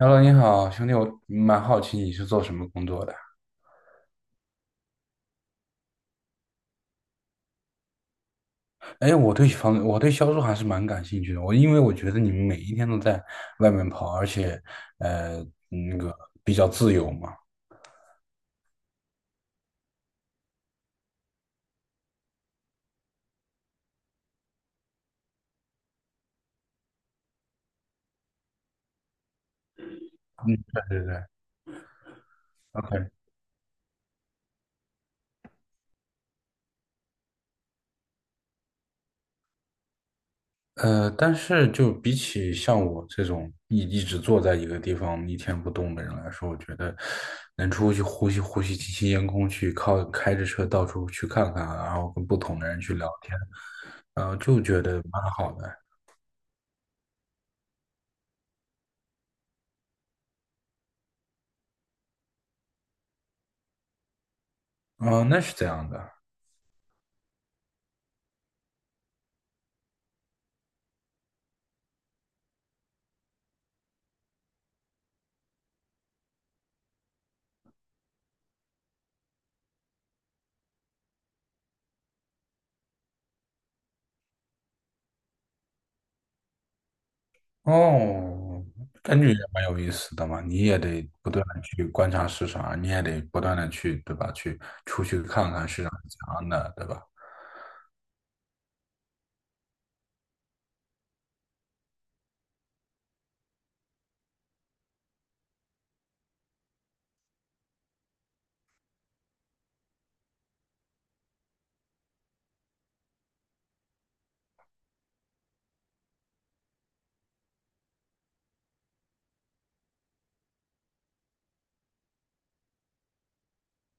Hello，你好，兄弟，我蛮好奇你是做什么工作的。哎，我对销售还是蛮感兴趣的。因为我觉得你们每一天都在外面跑，而且，呃，那个比较自由嘛。对对对，OK。但是就比起像我这种一直坐在一个地方一天不动的人来说，我觉得能出去呼吸呼吸新鲜烟空气，靠开着车到处去看看，然后跟不同的人去聊天，就觉得蛮好的。嗯、那是这样的。哦，感觉也蛮有意思的嘛，你也得不断的去观察市场啊，你也得不断的去，对吧？去出去看看市场是怎样的，对吧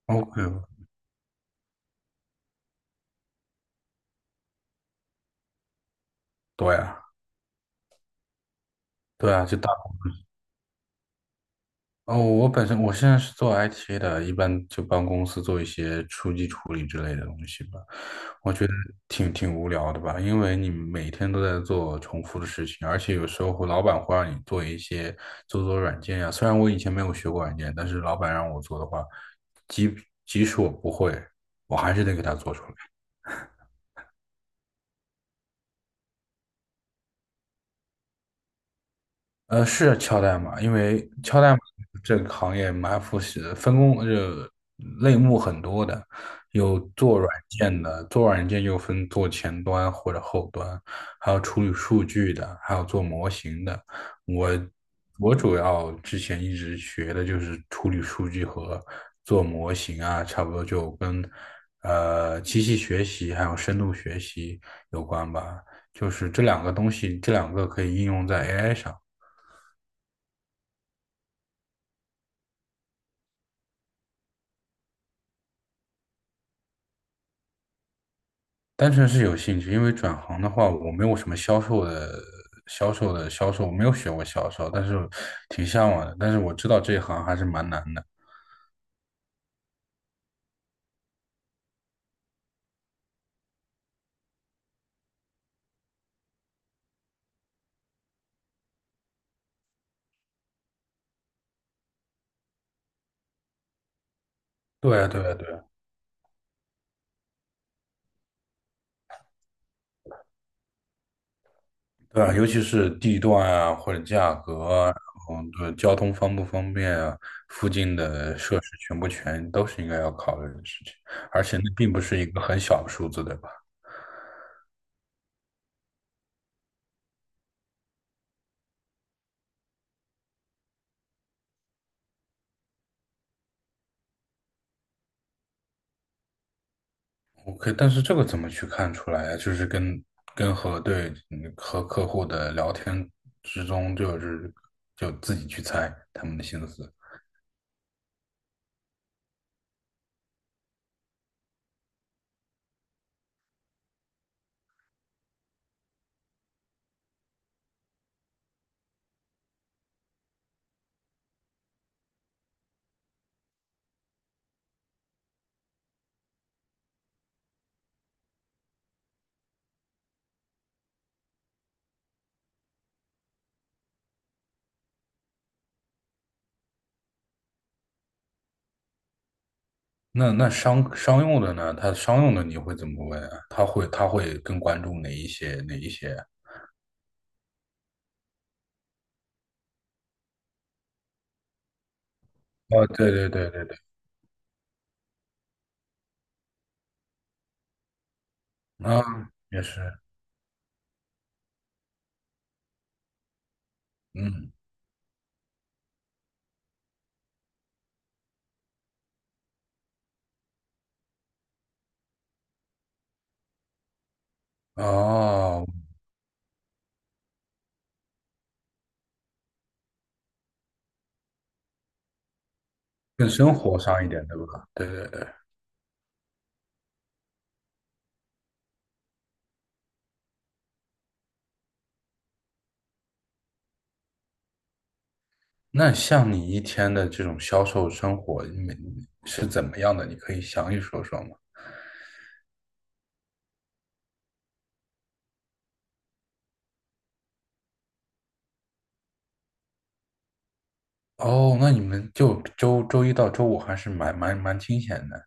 ？OK，对啊，对啊，哦，我本身我现在是做 IT 的，一般就帮公司做一些数据处理之类的东西吧。我觉得挺无聊的吧，因为你每天都在做重复的事情，而且有时候老板会让你做一些做软件呀、虽然我以前没有学过软件，但是老板让我做的话，即即使我不会，我还是得给他做出来。呃，是敲代码，因为敲代码这个行业蛮复杂的，分工类目很多的，有做软件的，做软件又分做前端或者后端，还有处理数据的，还有做模型的。我我主要之前一直学的就是处理数据和做模型啊，差不多就跟机器学习还有深度学习有关吧，就是这两个东西，这两个可以应用在 AI 上。单纯是有兴趣，因为转行的话，我没有什么销售，我没有学过销售，但是挺向往的。但是我知道这一行还是蛮难的。对啊，对啊，对啊，对啊，尤其是地段啊，或者价格啊，然后对交通方不方便啊，附近的设施全不全，都是应该要考虑的事情。而且那并不是一个很小的数字，对吧？OK，但是这个怎么去看出来呀？就是跟跟和对嗯和客户的聊天之中，就是就自己去猜他们的心思。那商用的呢？他商用的你会怎么问啊？他会更关注哪一些啊？哦，对对对对对，啊，也是，嗯，哦，更生活上一点，对吧？对对对。那像你一天的这种销售生活，你每是怎么样的？你可以详细说说吗？哦，那你们就周一到周五还是蛮清闲的。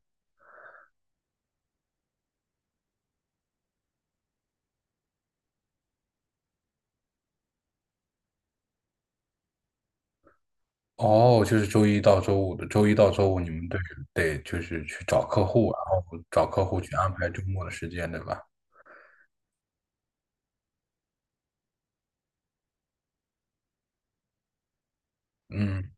哦，就是周一到周五你们得就是去找客户，然后找客户去安排周末的时间，对吧？嗯，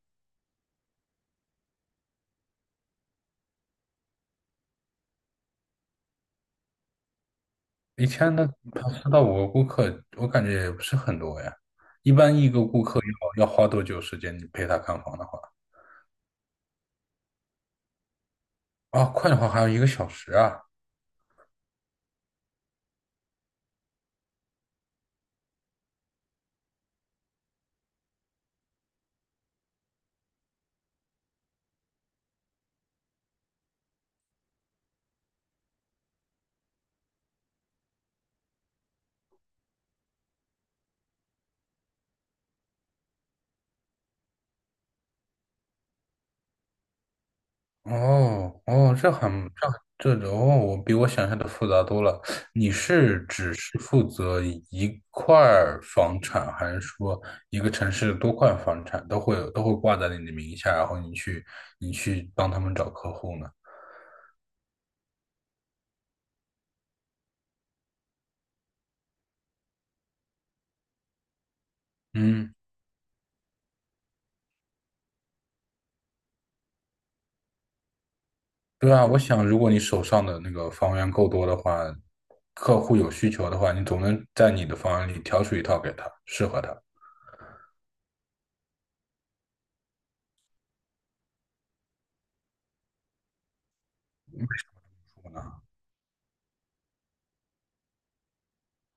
以前的四到五个顾客，我感觉也不是很多呀。一般一个顾客要花多久时间？你陪他看房的话，啊，快的话还有一个小时啊。哦，这很这很这哦，我比我想象的复杂多了。你是只是负责一块儿房产，还是说一个城市多块房产都会挂在你的名下，然后你去帮他们找客户呢？嗯，对啊，我想如果你手上的那个房源够多的话，客户有需求的话，你总能在你的房源里挑出一套给他，适合他。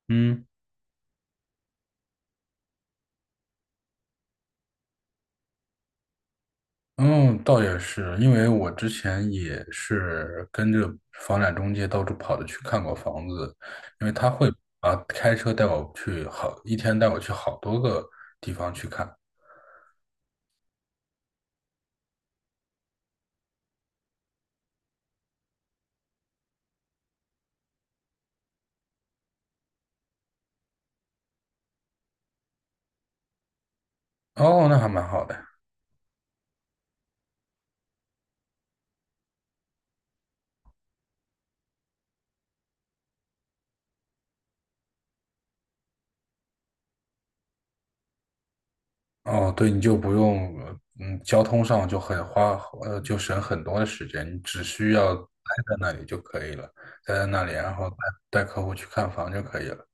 嗯。嗯，倒也是，因为我之前也是跟着房产中介到处跑着去看过房子，因为他会啊开车带我去好，一天带我去好多个地方去看。哦，那还蛮好的。哦，对，你就不用，嗯，交通上就很花，就省很多的时间，你只需要待在那里就可以了，待在那里，然后带客户去看房就可以了。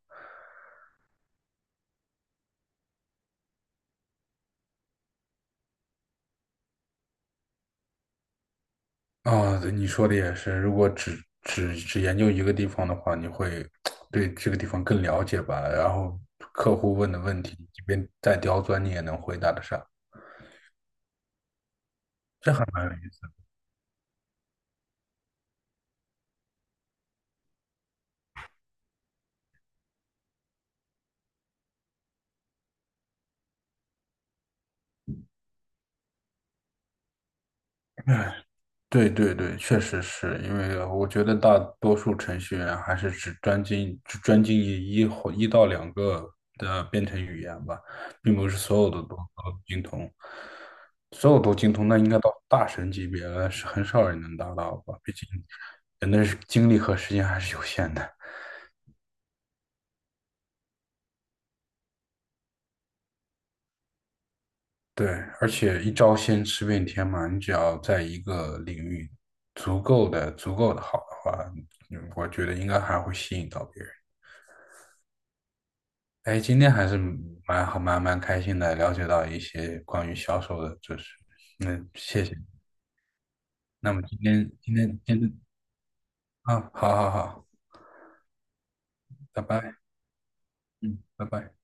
啊，对你说的也是。如果只研究一个地方的话，你会对这个地方更了解吧？然后客户问的问题，即便再刁钻，你也能回答得上，这还蛮有意思的。哎对对对，确实是因为我觉得大多数程序员还是只专精于一或一到两个的编程语言吧，并不是所有的都精通，所有都精通，那应该到大神级别了，是很少人能达到吧？毕竟人的精力和时间还是有限的。对，而且一招鲜吃遍天嘛，你只要在一个领域足够的好的话，嗯我觉得应该还会吸引到别人。哎，今天还是蛮好，蛮蛮开心的，了解到一些关于销售的知识。嗯，谢谢。那么今天，啊，好好好，拜拜。嗯，拜拜。